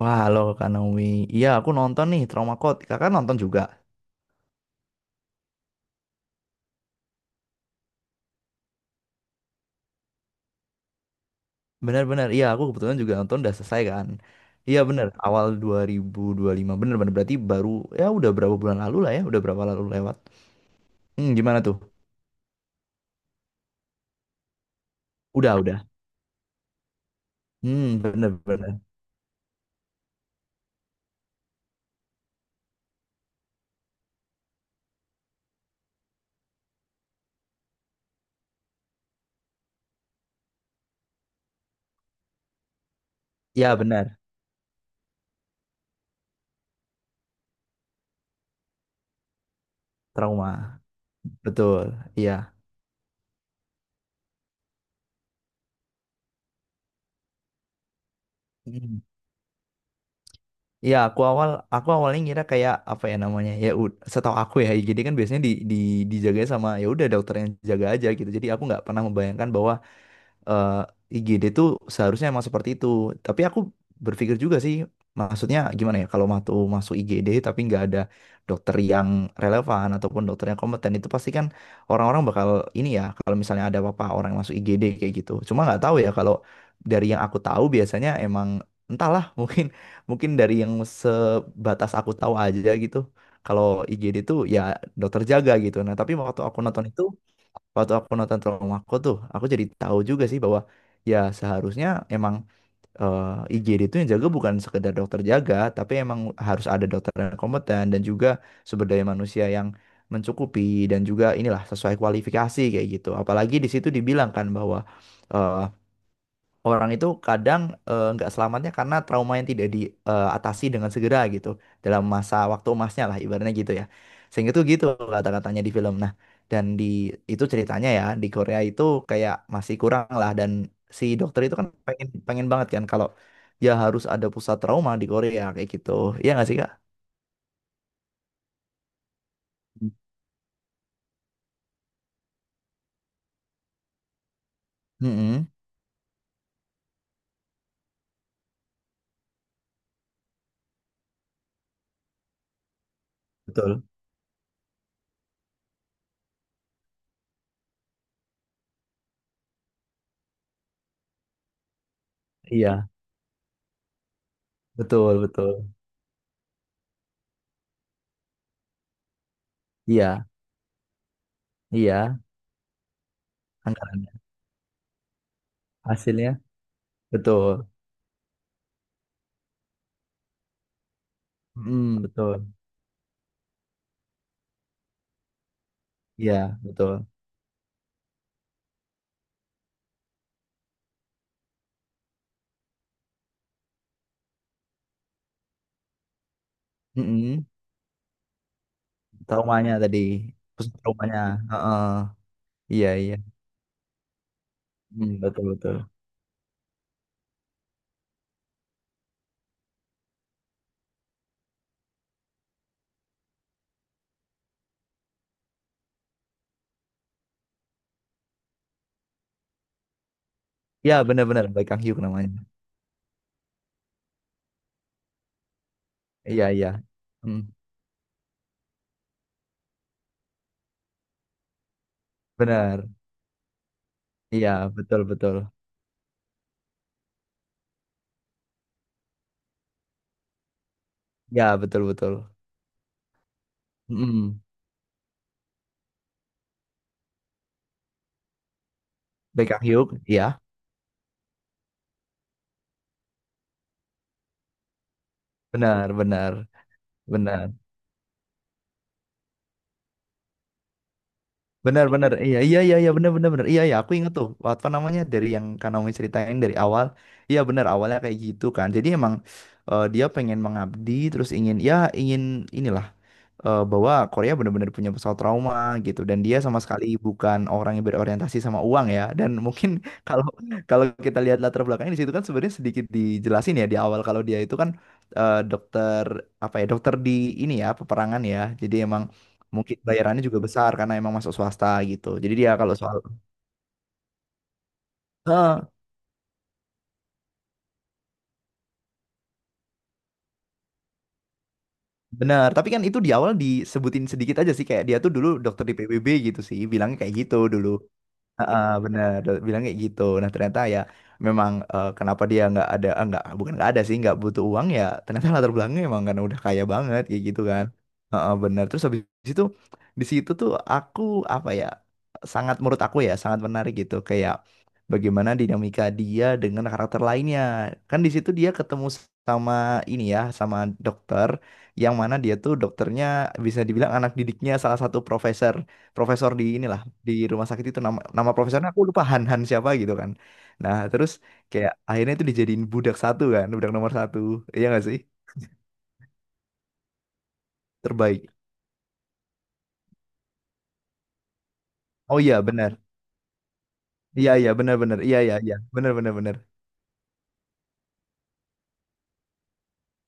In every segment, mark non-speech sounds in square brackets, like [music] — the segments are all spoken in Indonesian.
Wah, halo Kak Naomi. Iya, aku nonton nih Trauma Code. Kakak nonton juga. Benar-benar. Iya, aku kebetulan juga nonton udah selesai kan. Iya, benar. Awal 2025. Benar-benar berarti baru ya udah berapa bulan lalu lah ya, udah berapa lalu lewat. Hmm, gimana tuh? Udah, udah. Hmm, benar-benar. Iya, benar. Trauma. Betul. Iya. Hmm. Iya, aku awalnya ngira kayak apa ya namanya? Setahu aku ya, jadi kan biasanya di dijaga sama ya udah dokter yang jaga aja gitu. Jadi aku nggak pernah membayangkan bahwa eh, IGD tuh seharusnya emang seperti itu. Tapi aku berpikir juga sih, maksudnya gimana ya, kalau mau masuk IGD tapi nggak ada dokter yang relevan ataupun dokter yang kompeten itu pasti kan orang-orang bakal ini ya, kalau misalnya ada apa-apa orang yang masuk IGD kayak gitu. Cuma nggak tahu ya kalau dari yang aku tahu biasanya emang entahlah [laughs] mungkin mungkin dari yang sebatas aku tahu aja gitu. Kalau IGD tuh ya dokter jaga gitu. Nah, tapi waktu aku nonton Traumaku tuh aku jadi tahu juga sih bahwa ya seharusnya emang eh, IGD itu yang jaga bukan sekedar dokter jaga tapi emang harus ada dokter yang kompeten dan juga sumber daya manusia yang mencukupi dan juga inilah sesuai kualifikasi kayak gitu apalagi di situ dibilang kan bahwa eh, orang itu kadang nggak selamatnya karena trauma yang tidak diatasi dengan segera gitu dalam masa waktu emasnya lah ibaratnya gitu ya sehingga tuh gitu kata-katanya di film nah dan di itu ceritanya ya di Korea itu kayak masih kurang lah dan si dokter itu kan pengen pengen banget kan kalau ya harus ada pusat trauma di Korea kayak gitu, iya nggak sih kak? Mm-mm. Betul. Iya, betul, betul. Iya, iya, anggarannya. Hasilnya betul. Mm, betul. Iya, betul. Mm-mm. Traumanya tadi, pusat traumanya. Heeh, iya iya. Hmm, betul betul, ya benar-benar Baik Kang Hyuk namanya. Iya iya. Hmm, benar, iya betul betul, ya betul betul. Hmm. Baik Kang Hyuk, iya benar benar benar benar benar iya iya iya iya benar benar benar iya iya, aku ingat tuh apa namanya dari yang Kanomi ceritain dari awal. Iya benar awalnya kayak gitu kan, jadi emang dia pengen mengabdi terus ingin ya ingin inilah bahwa Korea benar-benar punya pesawat trauma gitu, dan dia sama sekali bukan orang yang berorientasi sama uang ya, dan mungkin [laughs] kalau kalau kita lihat latar belakangnya di situ kan sebenarnya sedikit dijelasin ya di awal kalau dia itu kan dokter apa ya dokter di ini ya peperangan ya, jadi emang mungkin bayarannya juga besar karena emang masuk swasta gitu, jadi dia kalau soal. Heeh, benar tapi kan itu di awal disebutin sedikit aja sih kayak dia tuh dulu dokter di PBB gitu sih bilangnya kayak gitu dulu. Heeh, bener bilang kayak gitu, nah ternyata ya memang kenapa dia nggak ada, ah, nggak bukan nggak ada sih nggak butuh uang ya, ternyata latar belakangnya emang kan udah kaya banget kayak gitu kan. Heeh, bener terus habis itu di situ tuh aku apa ya, sangat menurut aku ya sangat menarik gitu kayak bagaimana dinamika dia dengan karakter lainnya kan di situ dia ketemu sama ini ya sama dokter yang mana dia tuh dokternya bisa dibilang anak didiknya salah satu profesor, profesor di inilah di rumah sakit itu, nama nama profesornya aku lupa, Han Han siapa gitu kan, nah terus kayak akhirnya itu dijadiin budak satu kan, budak nomor satu iya nggak sih, terbaik. Oh iya benar iya iya benar benar iya iya iya benar benar benar.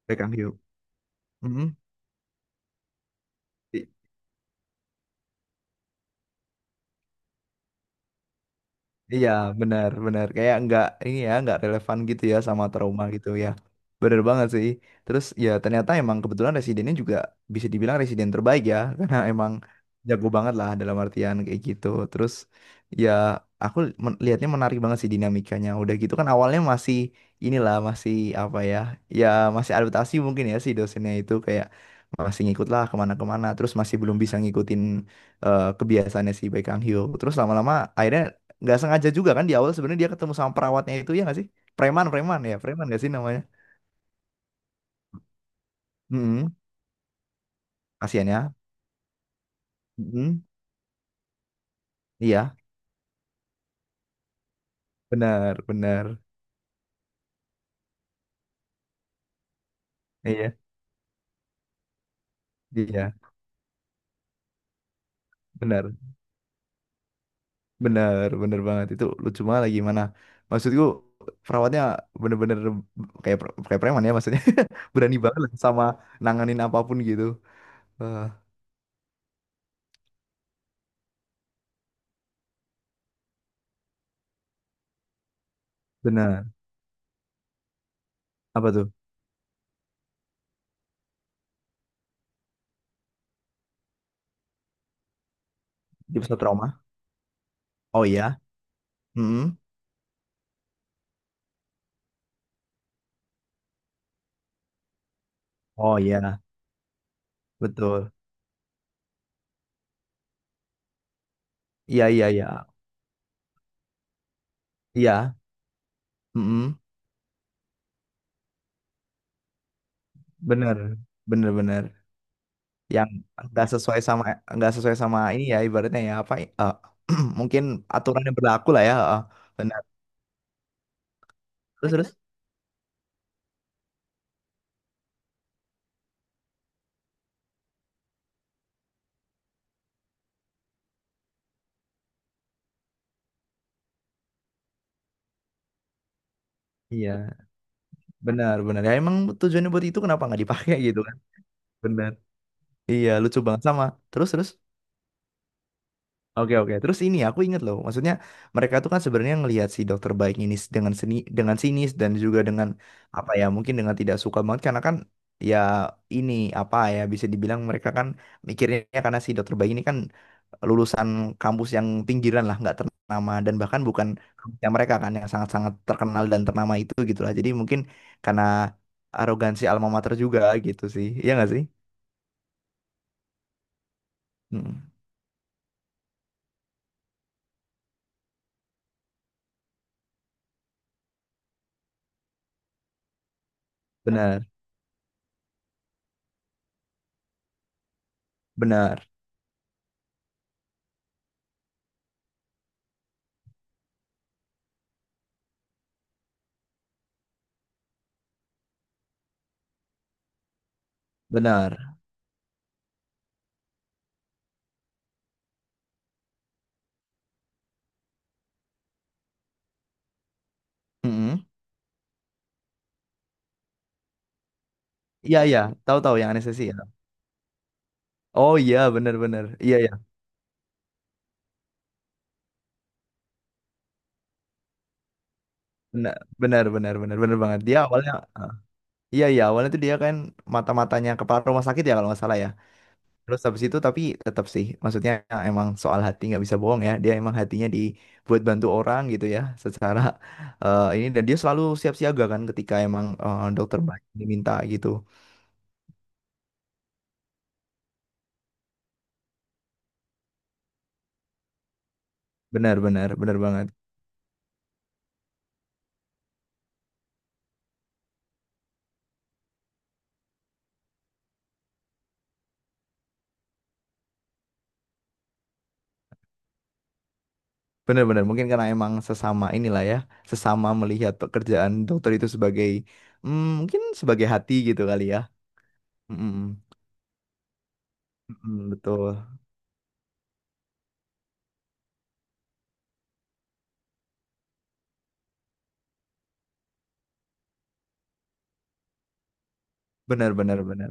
Beckham Hugh. Mhm. Iya, benar, benar. Kayak nggak ini ya, nggak relevan gitu ya sama trauma gitu ya. Bener banget sih. Terus ya ternyata emang kebetulan residennya juga bisa dibilang residen terbaik ya, [laughs] karena emang jago banget lah dalam artian kayak gitu. Terus ya aku lihatnya menarik banget sih dinamikanya. Udah gitu kan awalnya masih inilah masih apa ya, ya masih adaptasi mungkin ya si dosennya itu kayak masih ngikut lah kemana-kemana. Terus masih belum bisa ngikutin kebiasaannya si Baek Kang Hyo. Terus lama-lama akhirnya nggak sengaja juga kan di awal sebenarnya dia ketemu sama perawatnya itu ya nggak sih, preman preman ya preman nggak sih namanya. Mm. Kasihan ya. Mm-mm. Iya benar benar, iya iya benar benar benar banget, itu lucu banget lagi, mana maksudku perawatnya bener-bener kayak kayak preman ya maksudnya. [laughs] Berani banget lah sama nanganin apapun gitu. Eh, benar, apa tuh, di pusat trauma. Oh iya. Mm-mm. Oh iya betul, iya iya iya iya. Mm-mm. Bener, bener, bener. Yang nggak sesuai sama, nggak sesuai sama ini ya ibaratnya ya apa eh, [clears throat] mungkin aturan yang berlaku lah ya, benar. Terus terus iya benar benar ya emang tujuannya buat itu, kenapa nggak dipakai gitu kan, benar, iya lucu banget sama, terus terus. Oke oke. Terus ini aku ingat loh, maksudnya mereka tuh kan sebenarnya ngelihat si dokter baik ini dengan seni dengan sinis dan juga dengan apa ya mungkin dengan tidak suka banget, karena kan ya ini apa ya bisa dibilang mereka kan mikirnya karena si dokter baik ini kan lulusan kampus yang pinggiran lah nggak ternama dan bahkan bukan kampusnya mereka kan yang sangat-sangat terkenal dan ternama itu gitu lah. Jadi mungkin karena arogansi alma mater juga gitu sih. Iya nggak sih? Mm. Benar, benar, benar. Mm-mm. Iya iya, tahu-tahu yang anestesi ya. Oh iya, benar-benar. Iya iya, benar benar benar benar benar banget. Dia awalnya, ah, Iya iya, awalnya tuh dia kan mata-matanya kepala rumah sakit ya kalau nggak salah ya. Terus habis itu tapi tetap sih, maksudnya ya, emang soal hati nggak bisa bohong ya. Dia emang hatinya dibuat bantu orang gitu ya, secara ini, dan dia selalu siap siaga kan ketika emang dokter banyak diminta gitu. Benar benar benar banget. Benar-benar mungkin karena emang sesama inilah ya, sesama melihat pekerjaan dokter itu sebagai mungkin sebagai hati gitu kali ya. Mm-mm. Mm-mm, betul. Benar-benar benar. Benar benar.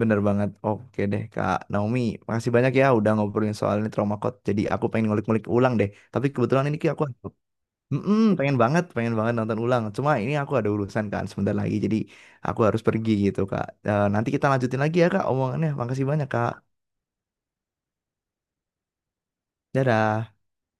Benar banget. Oke deh Kak Naomi, makasih banyak ya udah ngobrolin soal ini trauma code. Jadi aku pengen ngulik-ngulik ulang deh. Tapi kebetulan ini Ki, aku. Mm-mm, pengen banget nonton ulang. Cuma ini aku ada urusan kan sebentar lagi. Jadi aku harus pergi gitu Kak. Eh, nanti kita lanjutin lagi ya Kak omongannya. Makasih banyak Kak. Dadah.